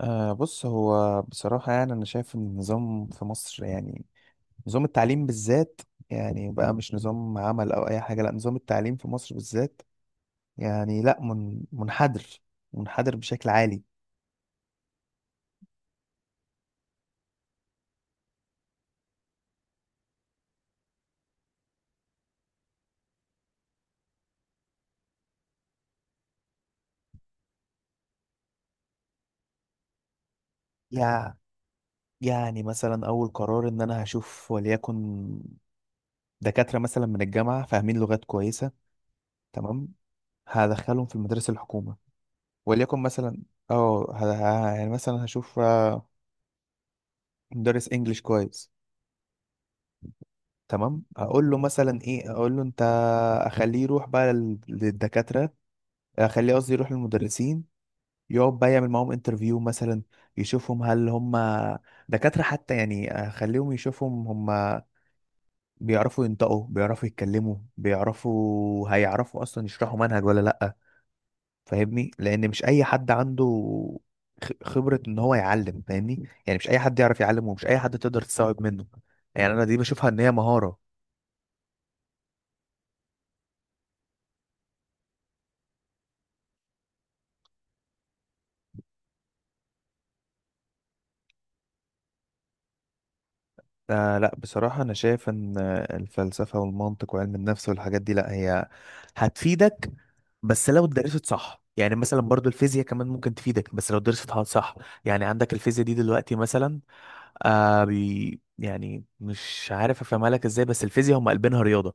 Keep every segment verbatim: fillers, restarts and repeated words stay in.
آه بص، هو بصراحة يعني أنا شايف إن النظام في مصر، يعني نظام التعليم بالذات، يعني بقى مش نظام عمل أو أي حاجة. لأ، نظام التعليم في مصر بالذات يعني لأ، من منحدر منحدر بشكل عالي. يع- يعني مثلا أول قرار إن أنا هشوف، وليكن دكاترة مثلا من الجامعة فاهمين لغات كويسة. تمام، هدخلهم في المدارس الحكومة. وليكن مثلا، اه ه- ه- يعني مثلا هشوف آه، مدرس انجليش كويس. تمام، اقول له مثلا ايه، اقول له انت اخليه يروح بقى لل- للدكاتره، اخليه قصدي يروح للمدرسين، يقعد بقى يعمل معاهم انترفيو مثلا، يشوفهم هل هم دكاتره حتى، يعني اخليهم يشوفهم هم بيعرفوا ينطقوا، بيعرفوا يتكلموا، بيعرفوا هيعرفوا اصلا يشرحوا منهج ولا لا. فاهمني، لان مش اي حد عنده خ- خبره ان هو يعلم. فاهمني، يعني مش اي حد يعرف يعلم، ومش اي حد تقدر تستوعب منه. يعني انا دي بشوفها ان هي مهاره. آه لا، بصراحة أنا شايف إن الفلسفة والمنطق وعلم النفس والحاجات دي، لا هي هتفيدك بس لو اتدرست صح. يعني مثلا برضو الفيزياء كمان ممكن تفيدك بس لو درستها صح. يعني عندك الفيزياء دي دلوقتي مثلا، آه بي يعني مش عارف أفهمها لك إزاي، بس الفيزياء هم قلبينها رياضة.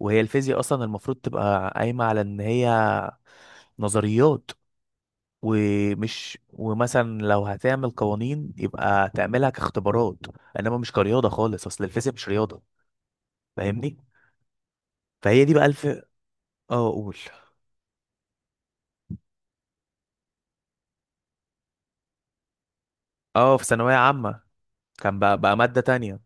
وهي الفيزياء أصلا المفروض تبقى قايمة على إن هي نظريات، ومش ومثلا لو هتعمل قوانين يبقى تعملها كاختبارات، انما مش كرياضه خالص. اصل الفيزياء مش رياضه، فاهمني. فهي دي بقى الف. اه اقول. اه، في ثانوية عامة. كان بقى بقى مادة تانية.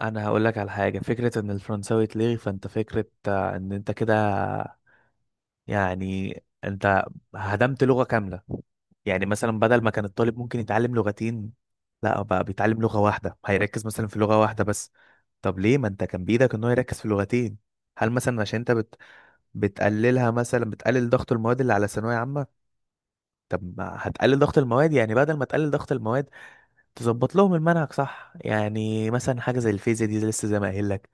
انا هقول لك على حاجة، فكرة ان الفرنساوي اتلغي، فانت فكرة آه، ان انت كده يعني، انت هدمت لغة كاملة. يعني مثلا بدل ما كان الطالب ممكن يتعلم لغتين، لا بقى بيتعلم لغة واحدة، هيركز مثلا في لغة واحدة بس. طب ليه، ما انت كان بإيدك ان هو يركز في لغتين؟ هل مثلا عشان انت بت... بتقللها، مثلا بتقلل ضغط المواد اللي على ثانوية عامة؟ طب ما هتقلل ضغط المواد يعني، بدل ما تقلل ضغط المواد تظبط لهم المنهج صح. يعني مثلا حاجة زي الفيزياء دي لسه زي ما قايل لك،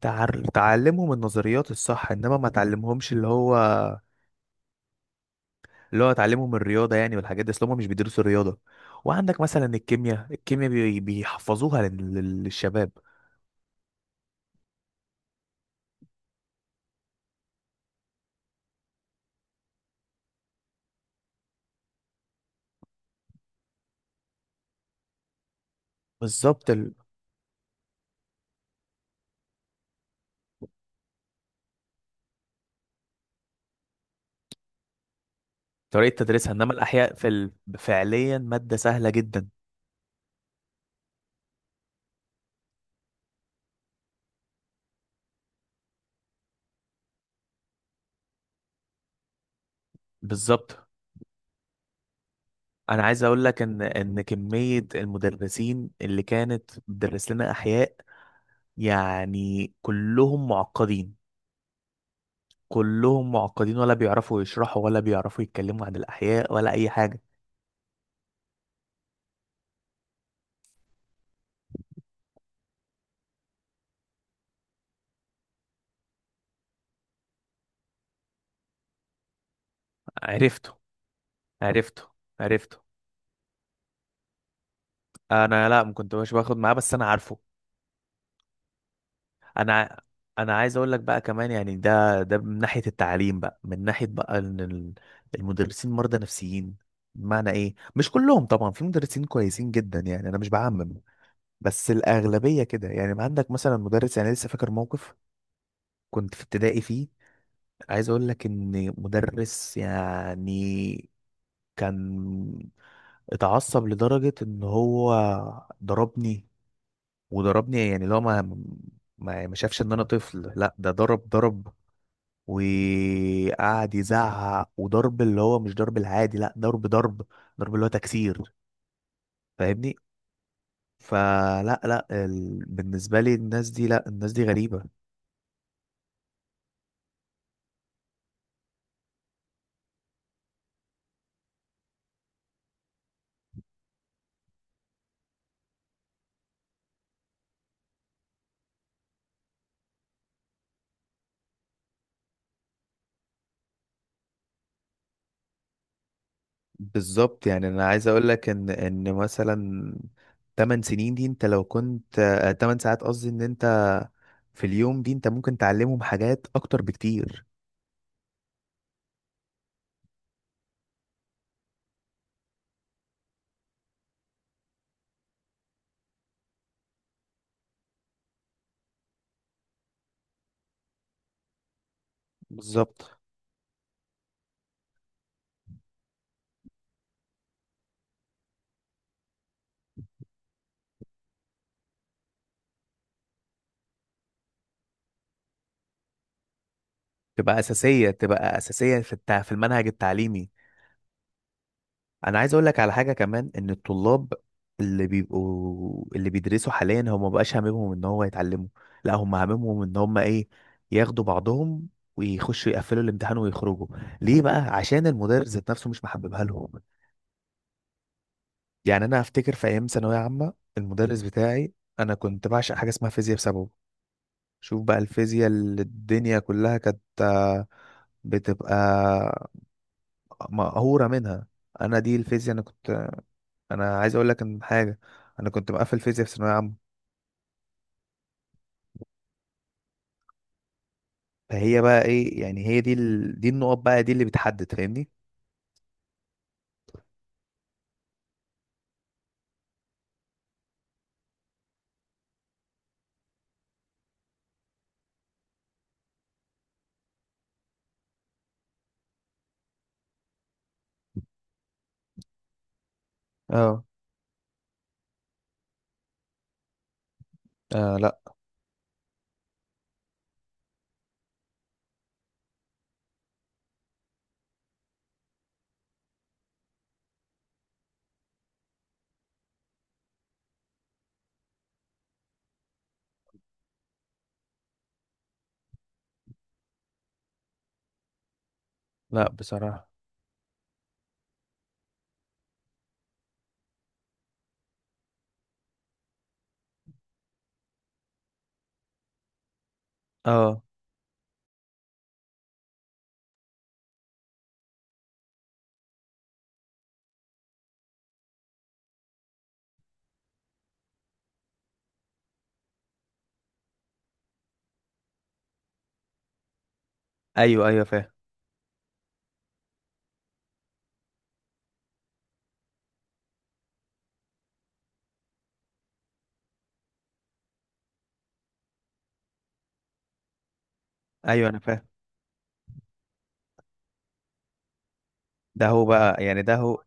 تعر... تعلمهم النظريات الصح، انما ما تعلمهمش اللي هو اللي هو تعلمهم الرياضة يعني. والحاجات دي اصل هم مش بيدرسوا الرياضة. وعندك مثلا الكيمياء، الكيمياء بي... بيحفظوها لل... لل- للشباب. بالظبط. ال... طريقة تدريسها، انما الاحياء في ال... فعليا مادة سهلة جدا. بالظبط. انا عايز اقول لك ان ان كمية المدرسين اللي كانت بتدرس لنا احياء، يعني كلهم معقدين، كلهم معقدين ولا بيعرفوا يشرحوا ولا بيعرفوا يتكلموا عن الأحياء ولا أي حاجة. عرفته. عرفته. عرفته. أنا لا، ما كنتش باخد معاه بس أنا عارفه. أنا أنا عايز أقول لك بقى كمان، يعني ده ده من ناحية التعليم بقى، من ناحية بقى إن ال- المدرسين مرضى نفسيين. بمعنى إيه، مش كلهم طبعا، في مدرسين كويسين جدا يعني أنا مش بعمم، بس الأغلبية كده. يعني ما عندك مثلا مدرس، يعني لسه فاكر موقف كنت في ابتدائي فيه. عايز اقول لك ان مدرس، يعني كان اتعصب لدرجة ان هو ضربني، وضربني يعني لو ما ما ما شافش ان انا طفل، لا ده ضرب ضرب. وقعد يزعق وضرب، اللي هو مش ضرب العادي، لا ضرب ضرب، ضرب اللي هو تكسير. فاهمني. فلا لا ال... بالنسبة لي الناس دي، لا الناس دي غريبة. بالظبط، يعني انا عايز اقول لك ان ان مثلا 8 سنين دي انت لو كنت آه، 8 ساعات قصدي، ان انت في اليوم دي انت ممكن تعلمهم حاجات اكتر بكتير. بالظبط، تبقى اساسيه، تبقى اساسيه في التع... في المنهج التعليمي. انا عايز اقول لك على حاجه كمان، ان الطلاب اللي بيبقوا اللي بيدرسوا حاليا هم مبقاش هاممهم ان هو يتعلموا. لا هم هاممهم ان هم ايه، ياخدوا بعضهم ويخشوا يقفلوا الامتحان ويخرجوا. ليه بقى؟ عشان المدرس ذات نفسه مش محببها لهم. يعني انا افتكر في ايام ثانويه عامه المدرس بتاعي، انا كنت بعشق حاجه اسمها فيزياء بسببه. شوف بقى الفيزياء اللي الدنيا كلها كانت آه، بتبقى مقهوره منها. انا دي الفيزياء، انا كنت، انا عايز اقول لك ان حاجه، انا كنت مقفل فيزياء في ثانويه عامه. فهي بقى ايه، يعني هي دي ال... دي النقط بقى دي اللي بتحدد، فاهمني. اه. اه. لا، لا بصراحه. اه. ايوه، ايوه فاهم. ايوه انا فاهم. ده هو بقى يعني ده هو.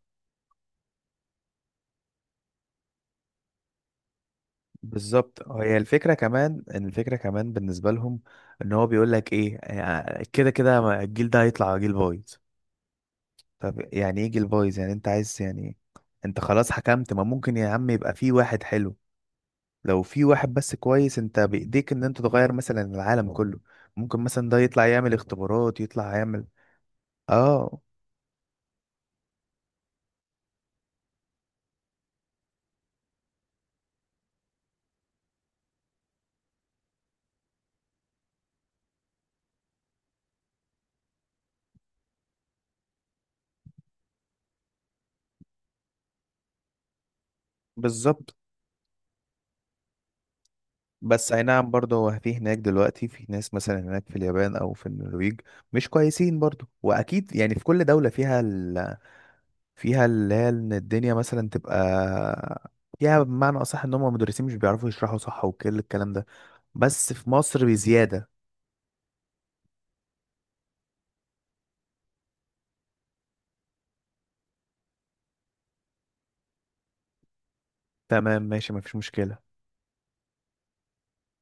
بالظبط، هي الفكره كمان، إن الفكره كمان بالنسبه لهم، ان هو بيقول لك ايه آه، كده كده ما- الجيل ده هيطلع جيل بايظ. طب يعني ايه جيل بايظ يعني؟ انت عايز يعني، انت خلاص حكمت؟ ما ممكن يا عم يبقى في واحد حلو. لو في واحد بس كويس انت بايديك ان انت تغير مثلا العالم كله. ممكن مثلا ده يطلع يعمل اختبارات، يطلع يعمل. اه بالظبط. بس اي نعم، برضه هو في هناك دلوقتي في ناس مثلا هناك في اليابان او في النرويج مش كويسين برضه. واكيد يعني في كل دولة فيها فيها اللي هي ان الدنيا مثلا تبقى فيها، بمعنى اصح ان هم المدرسين مش بيعرفوا يشرحوا صح وكل الكلام ده، بس في مصر بزيادة. تمام ماشي، مفيش مشكلة.